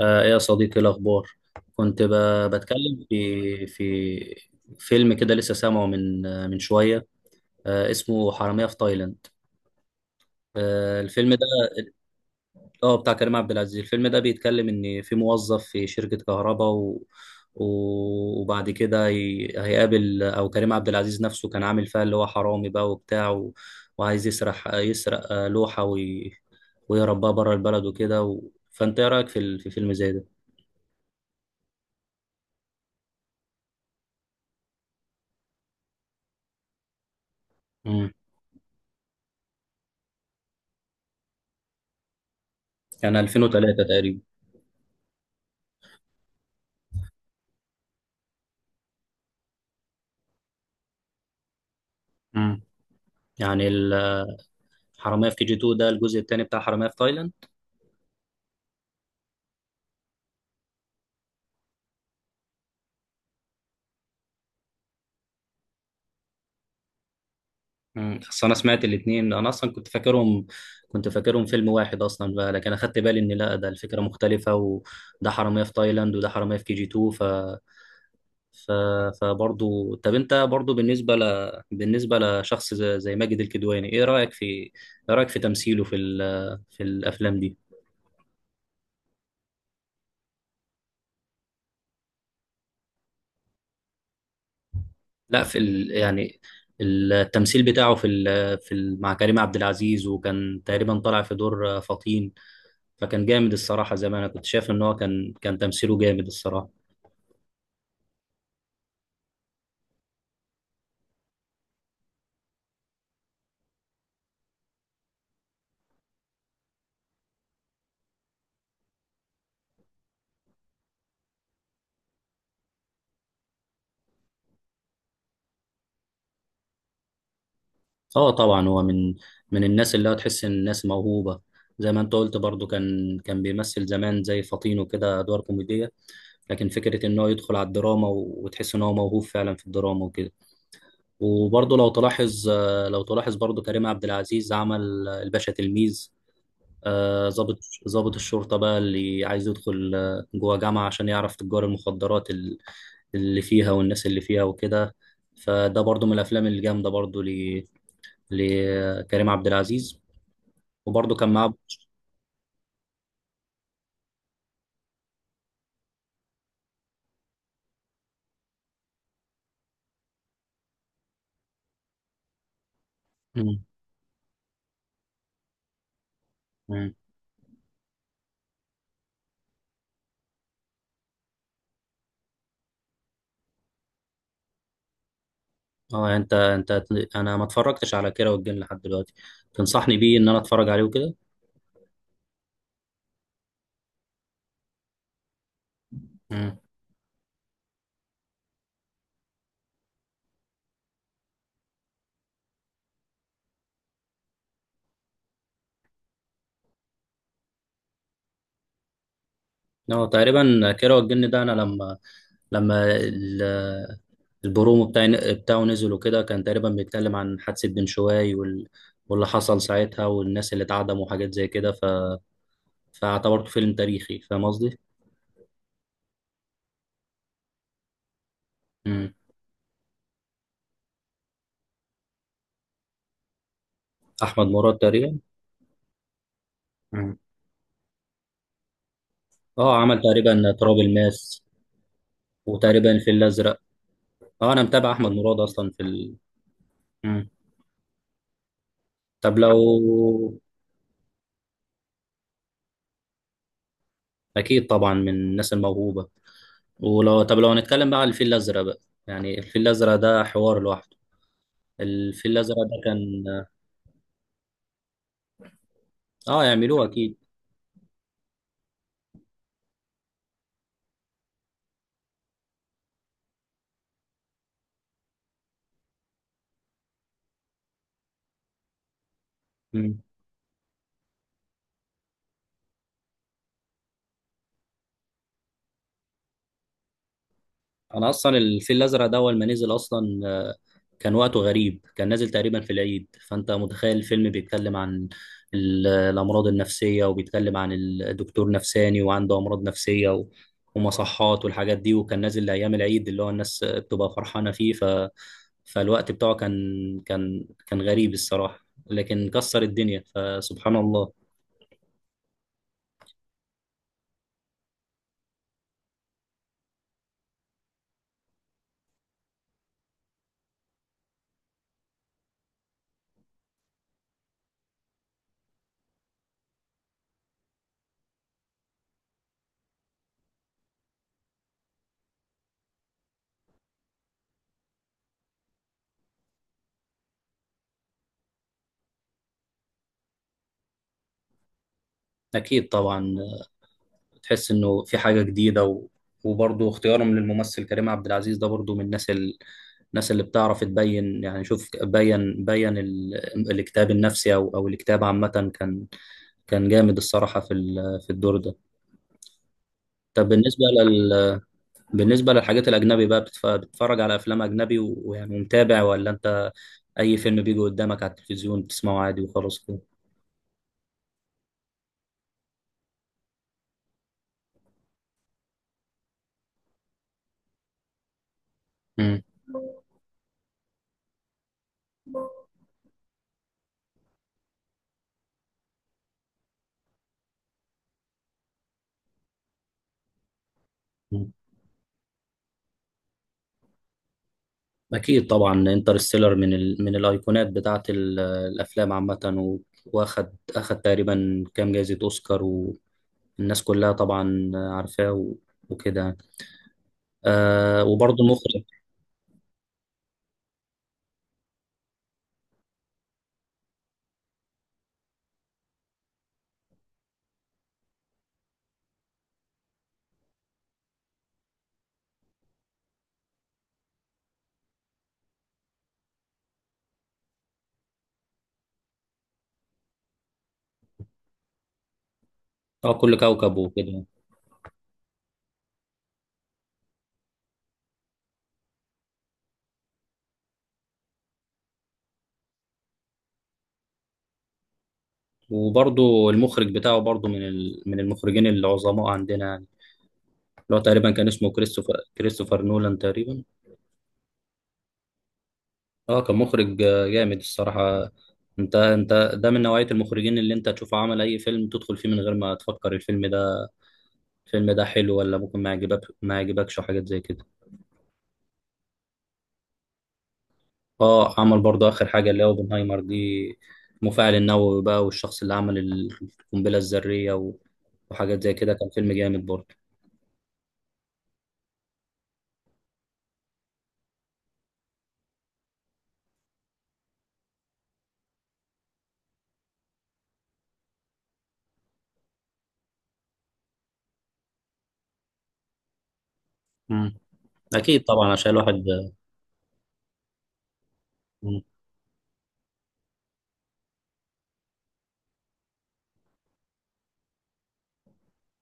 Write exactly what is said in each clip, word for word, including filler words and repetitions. آه، ايه يا صديقي الأخبار؟ كنت ب- بتكلم في في فيلم كده، لسه سامعه من آه، من شوية، آه، اسمه حرامية في تايلاند. آه، الفيلم ده اه بتاع كريم عبد العزيز. الفيلم ده بيتكلم إن في موظف في شركة كهرباء و و- وبعد كده هي- هيقابل، أو كريم عبد العزيز نفسه كان عامل فيها اللي هو حرامي بقى وبتاع، و- وعايز يسرح يسرق آه، لوحة وي- ويهرب بقى بره البلد وكده و... فأنت إيه رأيك في ال- في فيلم زي ده؟ مم. كان ألفين وثلاثة تقريبا. مم. يعني الحرامية في كي جي اثنين ده الجزء الثاني بتاع حرامية في تايلاند. مم. بس انا سمعت الاثنين، انا اصلا كنت فاكرهم كنت فاكرهم فيلم واحد اصلا بقى، لكن اخدت بالي ان لا، ده الفكرة مختلفة، وده حرامية في تايلاند وده حرامية في كي جي اتنين. ف ف فبرضو، طب انت برضو بالنسبة ل... بالنسبة لشخص زي زي ماجد الكدواني، ايه رأيك في، ايه رأيك في تمثيله في ال... في الافلام دي؟ لا، في ال... يعني التمثيل بتاعه في ال... في ال... مع كريم عبد العزيز، وكان تقريبا طالع في دور فطين، فكان جامد الصراحة. زي ما انا كنت شايف ان هو كان كان تمثيله جامد الصراحة. اه طبعا، هو من من الناس اللي هو تحس ان الناس موهوبة. زي ما انت قلت برضو، كان كان بيمثل زمان زي فطين وكده ادوار كوميدية، لكن فكرة ان هو يدخل على الدراما و... وتحس ان هو موهوب فعلا في الدراما وكده. وبرضو لو تلاحظ لو تلاحظ برضو، كريم عبد العزيز عمل الباشا تلميذ، آه، ضابط، ضابط الشرطة بقى، اللي عايز يدخل آه، جوه جامعة عشان يعرف تجار المخدرات ال- اللي فيها والناس اللي فيها وكده. فده برضو من الأفلام الجامدة برضو ل- لكريم عبد العزيز، وبرضو كان معاه. مم. مم. اه، يعني انت انت انا ما اتفرجتش على كيرة والجن لحد دلوقتي. تنصحني بيه ان انا اتفرج عليه وكده؟ مم. اه تقريبا كيرة والجن ده، انا لما، لما البرومو بتاع بتاعه نزل وكده، كان تقريبا بيتكلم عن حادثة بن شوي وال... واللي حصل ساعتها والناس اللي اتعدموا وحاجات زي كده، ف... فاعتبرته فيلم تاريخي، فاهم قصدي؟ مم. أحمد مراد تقريبا. مم. اه عمل تقريبا تراب الماس، وتقريبا الفيل الأزرق. اه، أنا متابع أحمد مراد أصلا في ال... مم. طب لو أكيد طبعا من الناس الموهوبة. ولو، طب لو هنتكلم بقى عن الفيل الأزرق بقى، يعني الفيل الأزرق ده حوار لوحده. الفيل الأزرق ده كان، اه يعملوه أكيد. انا اصلا الفيل الازرق ده اول ما نزل اصلا، آه، كان وقته غريب، كان نازل تقريبا في العيد، فانت متخيل الفيلم بيتكلم عن ال- الامراض النفسيه، وبيتكلم عن الدكتور نفساني وعنده امراض نفسيه و- ومصحات والحاجات دي، وكان نازل لايام العيد اللي هو الناس بتبقى فرحانه فيه. ف فالوقت بتاعه كان، كان كان غريب الصراحه، لكن كسر الدنيا فسبحان الله. اكيد طبعا، تحس انه في حاجه جديده و... وبرضه اختيارهم للممثل كريم عبد العزيز ده برضه من الناس ال... الناس اللي بتعرف تبين، يعني شوف بين بين ال... الاكتئاب النفسي، او او الاكتئاب عامه، كان كان جامد الصراحه في ال... في الدور ده. طب بالنسبه لل... بالنسبه للحاجات الاجنبي بقى، بتف... بتتفرج على افلام اجنبي و... ويعني ومتابع، ولا انت اي فيلم بيجي قدامك على التلفزيون بتسمعه عادي وخلاص كده؟ مم. أكيد طبعا، انترستيلر من ال... من الأيقونات بتاعة ال... الأفلام عامة و... وأخد أخد تقريبا كام جايزة أوسكار، والناس كلها طبعا عارفاه و... وكده يعني. آه، وبرضه المخرج، اه كل كوكب وكده يعني. وبرضه المخرج بتاعه برضه من ال... من المخرجين العظماء عندنا يعني، اللي هو تقريبا كان اسمه كريستوفر، كريستوفر نولان تقريبا. اه كان مخرج آه، جامد الصراحة. انت انت ده من نوعية المخرجين اللي انت تشوف عمل اي فيلم تدخل فيه من غير ما تفكر الفيلم ده، الفيلم ده حلو ولا ممكن ما يعجبك، ما يعجبكش وحاجات زي كده. اه عمل برضه اخر حاجه اللي هو اوبنهايمر دي، المفاعل النووي بقى، والشخص اللي عمل القنبله الذريه و- وحاجات زي كده. كان فيلم جامد برضه. مم. اكيد طبعا عشان الواحد. مم.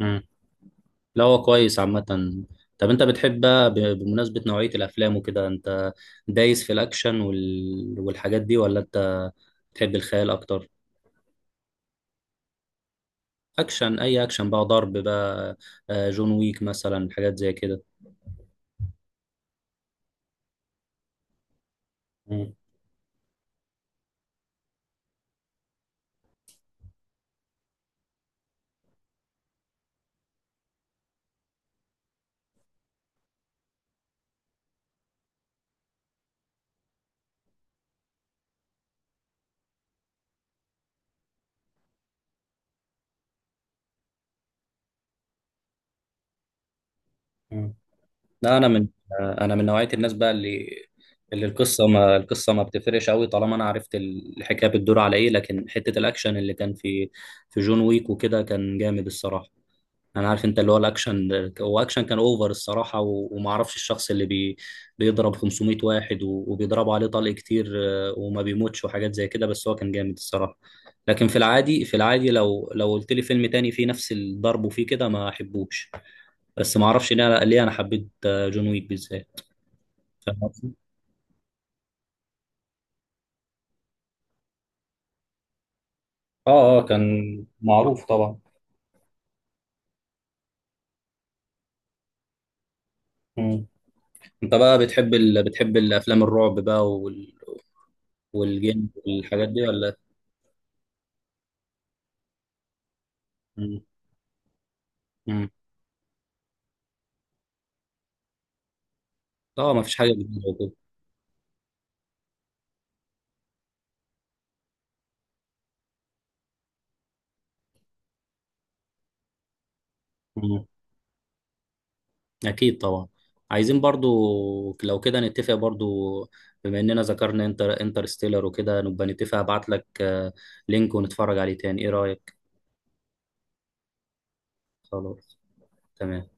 مم. لا هو كويس عامه. طب انت بتحب بقى ب- بمناسبه نوعيه الافلام وكده، انت دايس في الاكشن وال... والحاجات دي، ولا انت بتحب الخيال اكتر؟ اكشن، اي اكشن بقى ضرب بقى، آه، جون ويك مثلا، حاجات زي كده. مم. لا انا من، انا من نوعيه الناس بقى اللي، اللي القصه ما، القصه ما بتفرقش قوي طالما انا عرفت الحكايه بتدور على ايه، لكن حته الاكشن اللي كان في، في جون ويك وكده كان جامد الصراحه. انا عارف، انت اللي هو الاكشن، هو اكشن كان اوفر الصراحه و- وما اعرفش الشخص اللي بي بيضرب خمسمائة واحد و- وبيضربوا عليه طلق كتير، آه، وما بيموتش وحاجات زي كده، بس هو كان جامد الصراحه. لكن في العادي، في العادي لو لو قلت لي فيلم تاني فيه نفس الضرب وفيه كده ما احبوش، بس ما اعرفش ليه، انا ليه انا حبيت آه، جون ويك بالذات. فاهم قصدي؟ اه اه كان معروف طبعا. مم. انت بقى بتحب ال... بتحب الافلام الرعب بقى وال... والجن والحاجات دي، ولا؟ مم. مم. اه ما فيش حاجه جديده وكده. مم. اكيد طبعا. عايزين برضو، لو كده نتفق برضو، بما اننا ذكرنا انتر انترستيلر وكده، نبقى نتفق ابعت لك آه، لينك ونتفرج عليه تاني، ايه رايك؟ خلاص تمام.